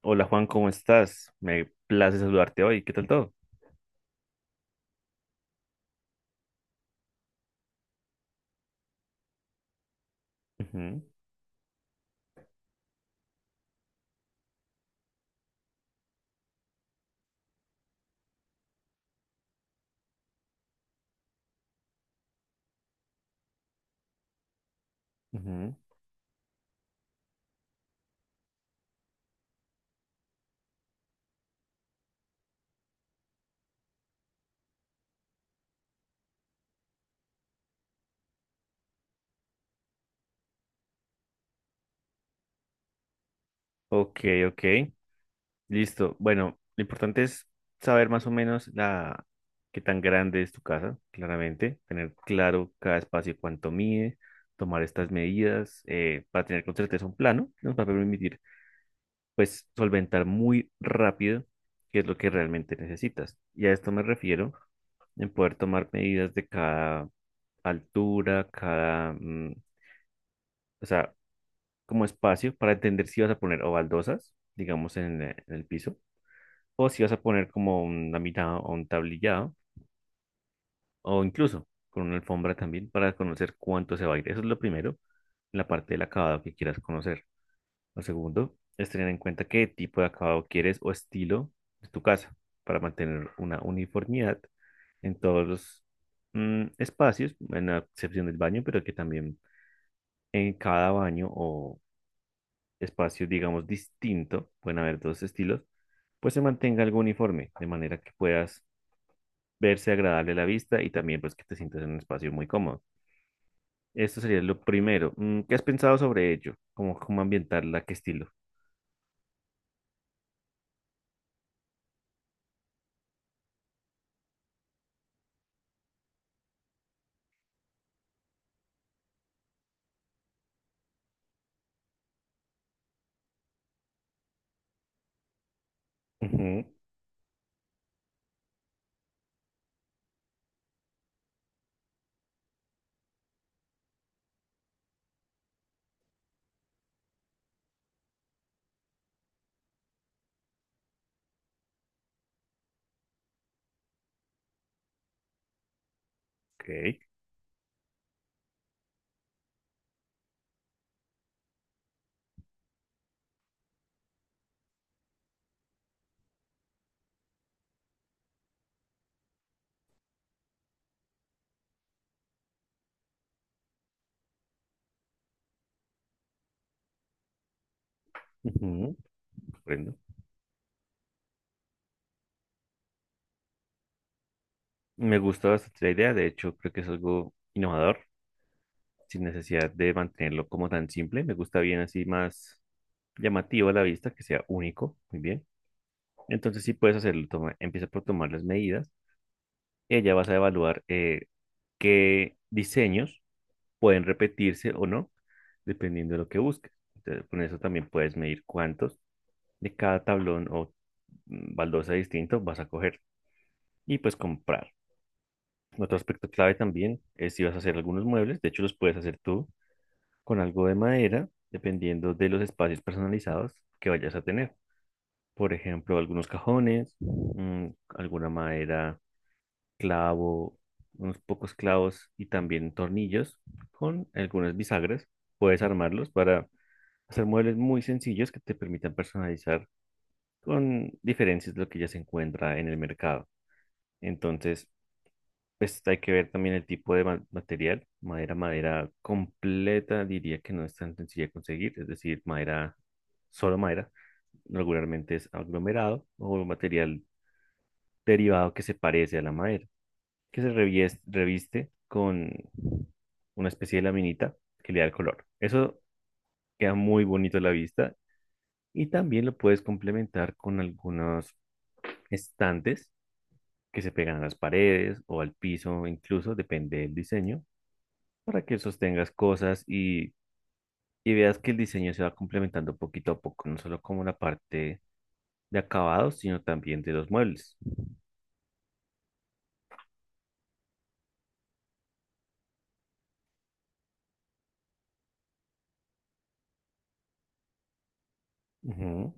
Hola Juan, ¿cómo estás? Me place saludarte hoy. ¿Qué tal todo? Ujú, ujú. Ok, ok. Listo. Bueno, lo importante es saber más o menos la qué tan grande es tu casa, claramente, tener claro cada espacio y cuánto mide, tomar estas medidas para tener con certeza un plano que nos va a permitir pues solventar muy rápido qué es lo que realmente necesitas. Y a esto me refiero en poder tomar medidas de cada altura, cada, o sea, como espacio para entender si vas a poner o baldosas, digamos, en el piso, o si vas a poner como una mitad o un tablillado, o incluso con una alfombra también para conocer cuánto se va a ir. Eso es lo primero, la parte del acabado que quieras conocer. Lo segundo es tener en cuenta qué tipo de acabado quieres o estilo de tu casa para mantener una uniformidad en todos los espacios, en la excepción del baño, pero que también en cada baño o espacio, digamos, distinto, pueden haber dos estilos, pues se mantenga algo uniforme, de manera que puedas verse agradable a la vista y también pues que te sientas en un espacio muy cómodo. Esto sería lo primero. ¿Qué has pensado sobre ello? ¿Cómo, cómo ambientarla? ¿Qué estilo? Ujú, ok. Ujú, comprendo. Me gusta bastante la idea, de hecho creo que es algo innovador, sin necesidad de mantenerlo como tan simple. Me gusta bien así más llamativo a la vista, que sea único. Muy bien. Entonces sí puedes hacerlo. Toma, empieza por tomar las medidas y allá vas a evaluar qué diseños pueden repetirse o no, dependiendo de lo que busques. Entonces, con eso también puedes medir cuántos de cada tablón o baldosa distinto vas a coger y pues comprar. Otro aspecto clave también es si vas a hacer algunos muebles, de hecho los puedes hacer tú con algo de madera, dependiendo de los espacios personalizados que vayas a tener. Por ejemplo, algunos cajones, alguna madera clavo, unos pocos clavos y también tornillos con algunas bisagras. Puedes armarlos para hacer muebles muy sencillos que te permitan personalizar con diferencias de lo que ya se encuentra en el mercado. Entonces, pues hay que ver también el tipo de material. Madera, madera completa, diría que no es tan sencilla de conseguir, es decir, madera, solo madera. Regularmente es aglomerado o material derivado que se parece a la madera, que se reviste con una especie de laminita que le da el color. Eso queda muy bonito a la vista y también lo puedes complementar con algunos estantes que se pegan a las paredes o al piso, incluso depende del diseño, para que sostengas cosas y veas que el diseño se va complementando poquito a poco, no solo como la parte de acabados, sino también de los muebles. Ujú,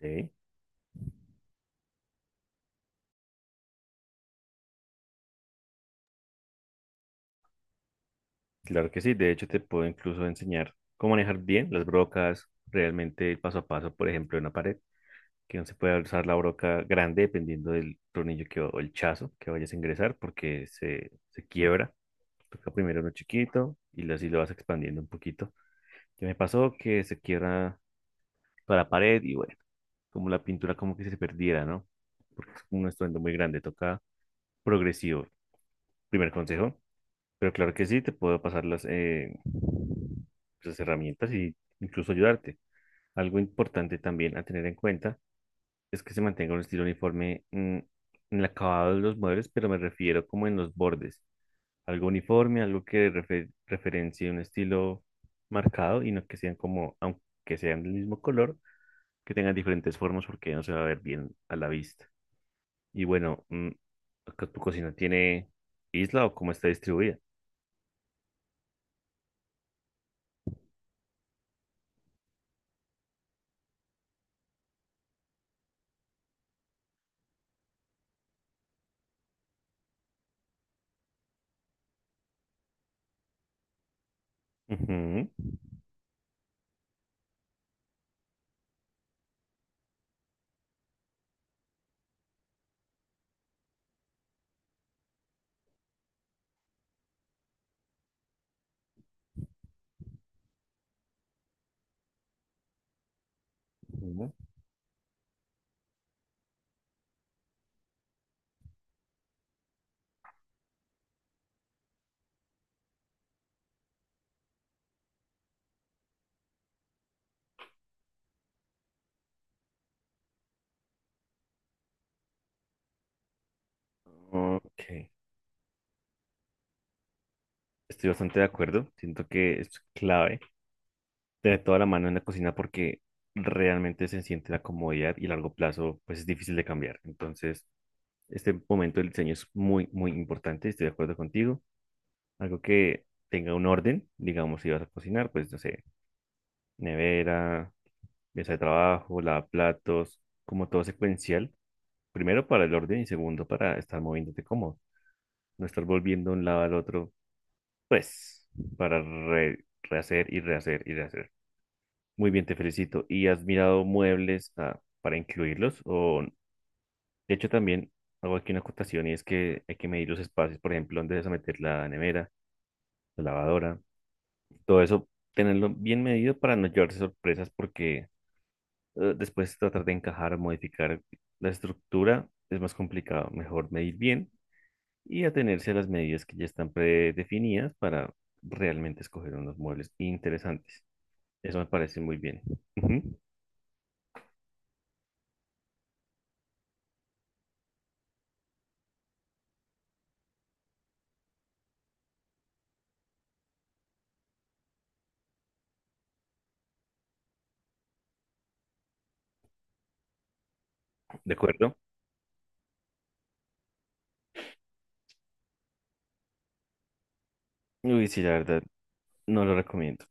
ok. Claro que sí, de hecho te puedo incluso enseñar cómo manejar bien las brocas, realmente paso a paso, por ejemplo, en una pared, que no se puede usar la broca grande dependiendo del tornillo que, o el chazo que vayas a ingresar porque se quiebra. Toca primero uno chiquito y así lo vas expandiendo un poquito. Ya me pasó que se quiebra toda la pared y bueno, como la pintura como que se perdiera, ¿no? Porque es un estruendo muy grande, toca progresivo. Primer consejo. Pero claro que sí, te puedo pasar las herramientas y incluso ayudarte. Algo importante también a tener en cuenta es que se mantenga un estilo uniforme en el acabado de los muebles, pero me refiero como en los bordes. Algo uniforme, algo que referencie un estilo marcado y no que sean como, aunque sean del mismo color, que tengan diferentes formas porque no se va a ver bien a la vista. Y bueno, ¿tu cocina tiene isla o cómo está distribuida? Ujú, ujú. Ok, estoy bastante de acuerdo. Siento que es clave tener toda la mano en la cocina porque realmente se siente la comodidad y a largo plazo pues es difícil de cambiar. Entonces, este momento del diseño es muy, muy importante. Estoy de acuerdo contigo. Algo que tenga un orden, digamos, si vas a cocinar, pues no sé, nevera, mesa de trabajo, lavaplatos, como todo secuencial. Primero para el orden y segundo para estar moviéndote cómodo. No estar volviendo de un lado al otro. Pues, para rehacer y rehacer y rehacer. Muy bien, te felicito. ¿Y has mirado muebles para incluirlos? O, de hecho, también hago aquí una acotación y es que hay que medir los espacios, por ejemplo, dónde vas a meter la nevera, la lavadora, todo eso, tenerlo bien medido para no llevarse sorpresas porque después tratar de encajar, modificar la estructura es más complicado. Mejor medir bien y atenerse a las medidas que ya están predefinidas para realmente escoger unos muebles interesantes. Eso me parece muy bien. Ujú, ¿de acuerdo? Uy, sí, la verdad, no lo recomiendo.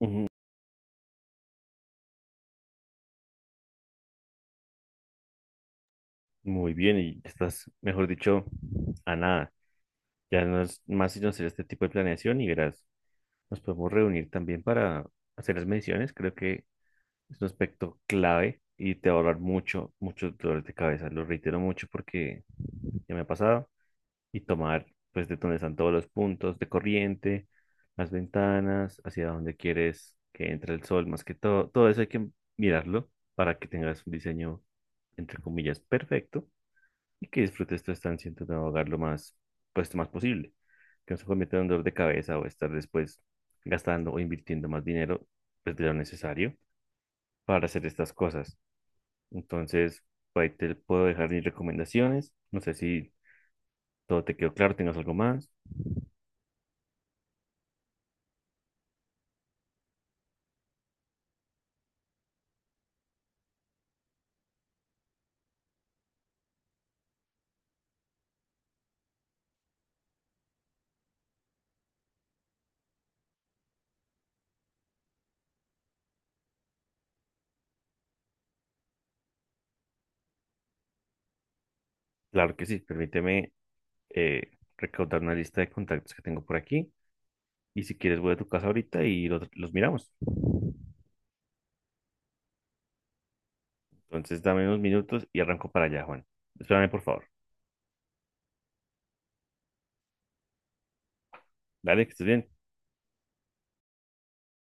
Ujú, muy bien, y estás, mejor dicho, a nada. Ya no es más sino hacer este tipo de planeación y verás, nos podemos reunir también para hacer las mediciones. Creo que es un aspecto clave y te va a ahorrar mucho, muchos dolores de cabeza. Lo reitero mucho porque ya me ha pasado y tomar pues de donde están todos los puntos de corriente, las ventanas, hacia donde quieres que entre el sol, más que todo, todo eso hay que mirarlo para que tengas un diseño entre comillas perfecto y que disfrutes tu estancia en tu nuevo hogar lo más pues lo más posible, que no se convierta en un dolor de cabeza o estar después gastando o invirtiendo más dinero pues de lo necesario para hacer estas cosas. Entonces, por ahí te puedo dejar mis recomendaciones, no sé si todo te quedó claro, tengas algo más. Claro que sí, permíteme eh, recaudar una lista de contactos que tengo por aquí y si quieres voy a tu casa ahorita y los miramos. Entonces dame unos minutos y arranco para allá, Juan. Espérame, por favor. Dale, que estés bien.